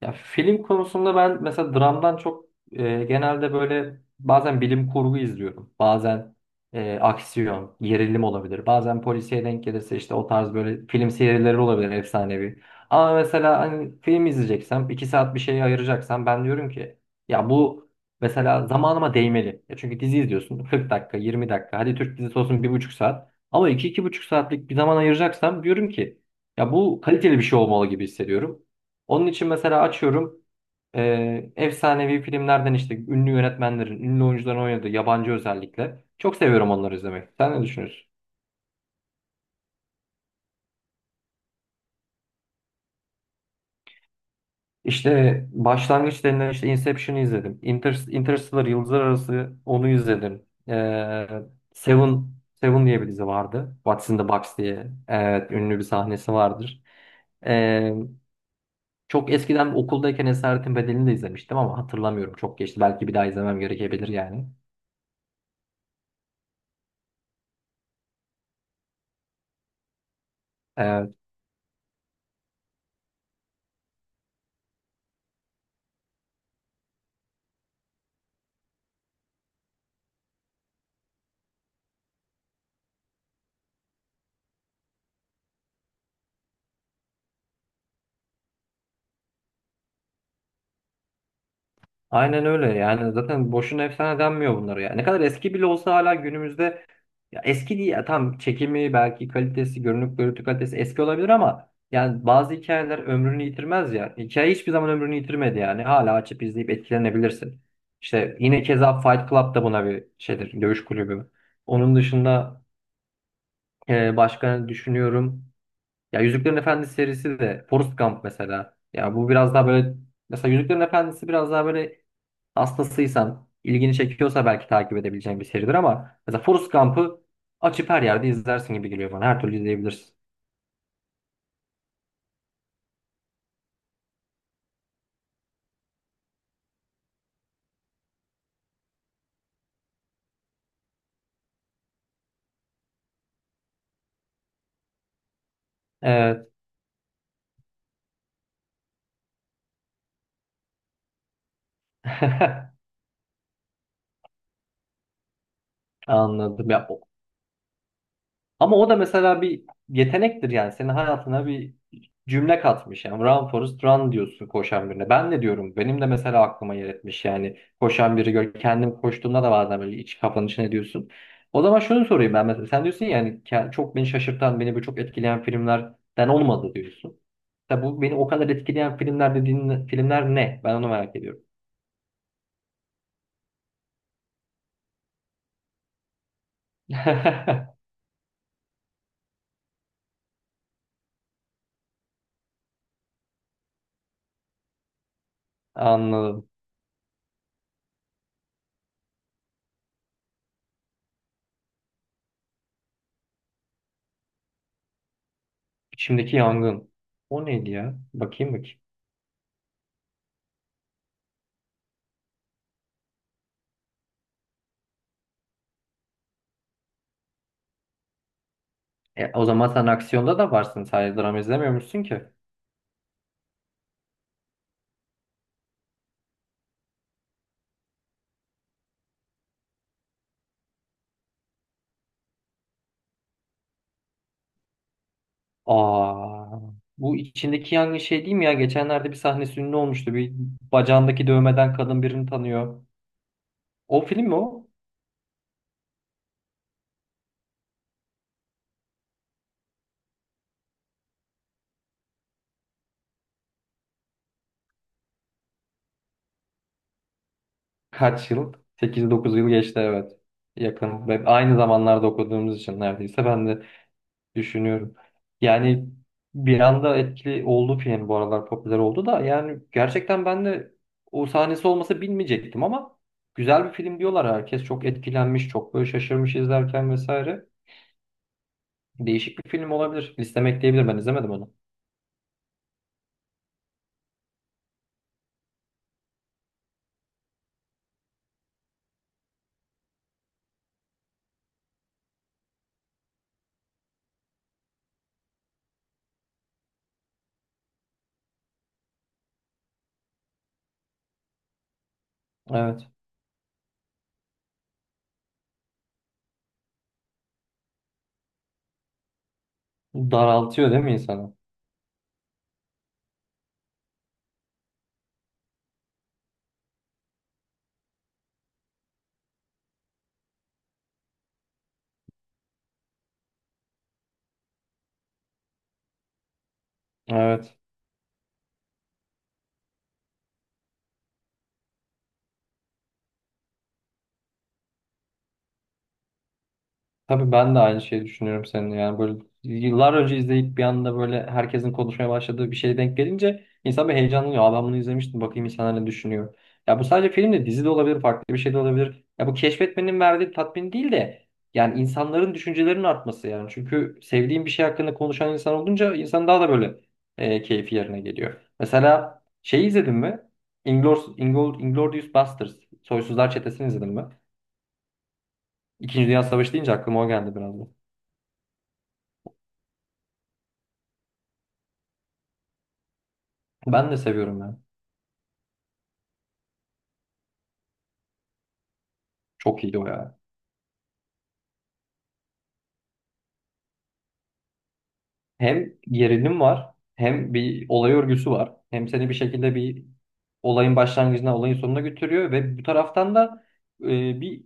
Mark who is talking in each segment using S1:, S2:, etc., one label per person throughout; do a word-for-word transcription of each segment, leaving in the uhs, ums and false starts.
S1: Ya film konusunda ben mesela dramdan çok e, genelde böyle bazen bilim kurgu izliyorum. Bazen e, aksiyon, gerilim olabilir. Bazen polisiye denk gelirse işte o tarz böyle film serileri olabilir efsanevi. Ama mesela hani film izleyeceksem, iki saat bir şeye ayıracaksam ben diyorum ki ya bu mesela zamanıma değmeli. Ya çünkü dizi izliyorsun kırk dakika, yirmi dakika. Hadi Türk dizisi olsun bir buçuk saat. Ama iki, iki buçuk saatlik bir zaman ayıracaksam diyorum ki ya bu kaliteli bir şey olmalı gibi hissediyorum. Onun için mesela açıyorum e, efsanevi filmlerden işte ünlü yönetmenlerin, ünlü oyuncuların oynadığı yabancı özellikle. Çok seviyorum onları izlemek. Sen ne düşünüyorsun? İşte başlangıç denilen işte Inception'ı izledim. Inter Interstellar Yıldızlar Arası onu izledim. E, Seven, Seven diye bir dizi vardı. What's in the Box diye. Evet, ünlü bir sahnesi vardır. E, Çok eskiden okuldayken Esaretin Bedeli'ni de izlemiştim ama hatırlamıyorum. Çok geçti. Belki bir daha izlemem gerekebilir yani. Aynen öyle yani zaten boşuna efsane denmiyor bunlara ya. Ne kadar eski bile olsa hala günümüzde ya eski değil ya tam çekimi belki kalitesi görünüp görüntü kalitesi eski olabilir ama yani bazı hikayeler ömrünü yitirmez ya. Hikaye hiçbir zaman ömrünü yitirmedi yani hala açıp izleyip etkilenebilirsin. İşte yine keza Fight Club da buna bir şeydir dövüş kulübü. Onun dışında e, başka ne düşünüyorum. Ya Yüzüklerin Efendisi serisi de Forrest Gump mesela. Ya bu biraz daha böyle mesela Yüzüklerin Efendisi biraz daha böyle hastasıysan, ilgini çekiyorsa belki takip edebileceğin bir seridir ama mesela Forrest Gump'ı açıp her yerde izlersin gibi geliyor bana. Her türlü izleyebilirsin. Evet. Anladım. Ya, o- ama o da mesela bir yetenektir yani. Senin hayatına bir cümle katmış yani. Run Forrest Run diyorsun koşan birine. Ben de diyorum. Benim de mesela aklıma yer etmiş yani. Koşan biri gör. Kendim koştuğumda da bazen böyle iç kafanın içine diyorsun. O zaman şunu sorayım ben mesela. Sen diyorsun yani çok beni şaşırtan, beni böyle çok etkileyen filmlerden olmadı diyorsun. Tabi bu beni o kadar etkileyen filmler dediğin filmler ne? Ben onu merak ediyorum. Anladım. İçimdeki yangın. O neydi ya? Bakayım bakayım. E, o zaman sen aksiyonda da varsın. Sadece drama izlemiyormuşsun ki. Aa, bu içindeki yangın şey değil mi ya? Geçenlerde bir sahnesi ünlü olmuştu. Bir bacağındaki dövmeden kadın birini tanıyor. O film mi o? Kaç yıl? Sekiz, dokuz yıl geçti, evet. Yakın. Ve aynı zamanlarda okuduğumuz için neredeyse ben de düşünüyorum. Yani bir anda etkili oldu film, bu aralar popüler oldu da yani gerçekten ben de o sahnesi olmasa bilmeyecektim ama güzel bir film diyorlar. Herkes çok etkilenmiş, çok böyle şaşırmış izlerken vesaire. Değişik bir film olabilir. Listeme ekleyebilir. Ben izlemedim onu. Evet. Daraltıyor değil mi insanı? Evet. Tabii ben de aynı şeyi düşünüyorum seninle. Yani böyle yıllar önce izleyip bir anda böyle herkesin konuşmaya başladığı bir şeye denk gelince insan bir heyecanlanıyor. Aa ben bunu izlemiştim, bakayım insanlar ne düşünüyor. Ya bu sadece film de dizi de olabilir, farklı bir şey de olabilir. Ya bu keşfetmenin verdiği tatmin değil de yani insanların düşüncelerinin artması yani. Çünkü sevdiğin bir şey hakkında konuşan insan olunca insan daha da böyle e, keyfi yerine geliyor. Mesela şey izledin mi? Inglourious, Inglour- Inglourious Basterds. Soysuzlar Çetesi'ni izledin mi? İkinci Dünya Savaşı deyince aklıma o geldi biraz. Ben de seviyorum ya. Çok iyi o ya. Hem gerilim var, hem bir olay örgüsü var. Hem seni bir şekilde bir olayın başlangıcına, olayın sonuna götürüyor ve bu taraftan da e, bir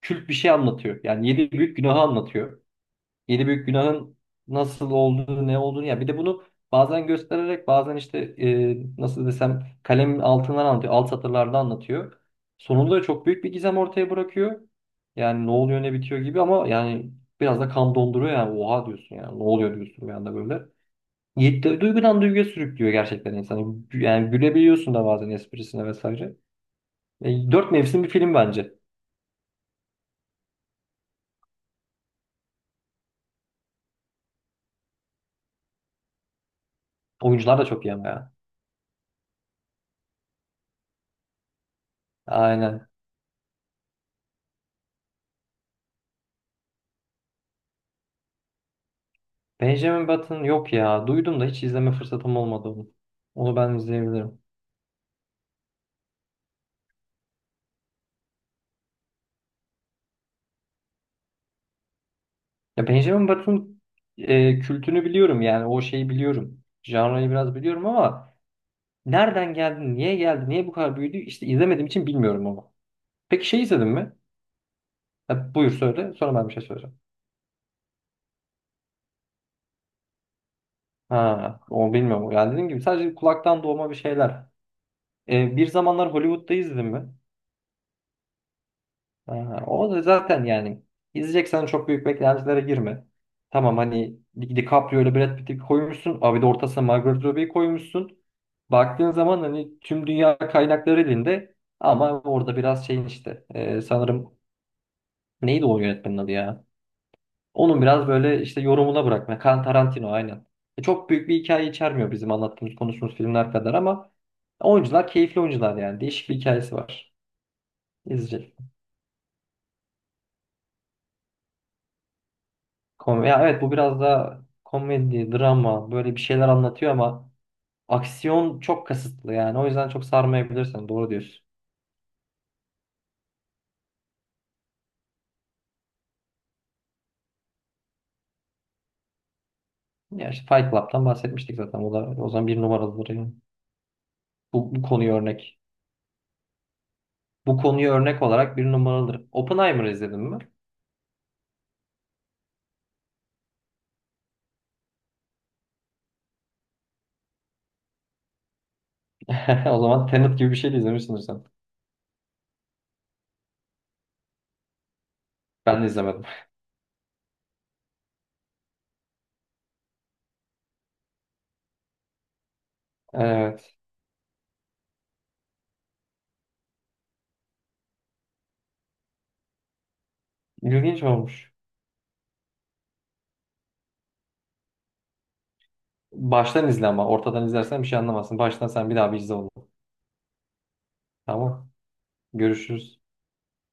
S1: kült bir şey anlatıyor. Yani yedi büyük günahı anlatıyor. Yedi büyük günahın nasıl olduğunu, ne olduğunu ya bir de bunu bazen göstererek bazen işte e, nasıl desem kalemin altından anlatıyor, alt satırlarda anlatıyor. Sonunda çok büyük bir gizem ortaya bırakıyor. Yani ne oluyor ne bitiyor gibi ama yani biraz da kan donduruyor yani oha diyorsun yani ne oluyor diyorsun bir anda böyle. Yedi, duygudan duyguya sürüklüyor gerçekten insanı. Yani gülebiliyorsun da bazen esprisine vesaire. E, dört mevsim bir film bence. Oyuncular da çok iyi ama ya. Aynen. Benjamin Button yok ya. Duydum da hiç izleme fırsatım olmadı onu. Onu ben izleyebilirim. Ya Benjamin Button e, kültünü biliyorum yani o şeyi biliyorum. Janrayı biraz biliyorum ama nereden geldi, niye geldi, niye bu kadar büyüdü işte izlemediğim için bilmiyorum onu. Peki şey izledin mi? Ha, buyur söyle sonra ben bir şey söyleyeceğim. Ha, onu bilmiyorum. Yani dediğim gibi sadece kulaktan doğma bir şeyler. E, Bir zamanlar Hollywood'da izledin mi? Aha, o da zaten yani izleyeceksen çok büyük beklentilere girme. Tamam hani Di- DiCaprio ile Brad Pitt'i koymuşsun. Abi de ortasına Margot Robbie'yi koymuşsun. Baktığın zaman hani tüm dünya kaynakları elinde. Ama orada biraz şeyin işte e, sanırım neydi o yönetmenin adı ya? Onun biraz böyle işte yorumuna bırakma. Quentin Tarantino aynen. E, çok büyük bir hikaye içermiyor bizim anlattığımız konuştuğumuz filmler kadar ama oyuncular keyifli oyuncular yani. Değişik bir hikayesi var. İzleyecek. Kom ya, evet, bu biraz da komedi, drama böyle bir şeyler anlatıyor ama aksiyon çok kasıtlı yani. O yüzden çok sarmayabilirsin. Doğru diyorsun. Ya işte Fight Club'tan bahsetmiştik zaten. O da o zaman bir numaralıdır yani. Bu, bu konuyu örnek. Bu konuyu örnek olarak bir numaralıdır. Oppenheimer izledin mi? O zaman Tenet gibi bir şey de izlemişsindir sen. Ben de izlemedim. Evet. İlginç olmuş. Baştan izle ama. Ortadan izlersen bir şey anlamazsın. Baştan sen bir daha bir izle onu. Tamam. Görüşürüz.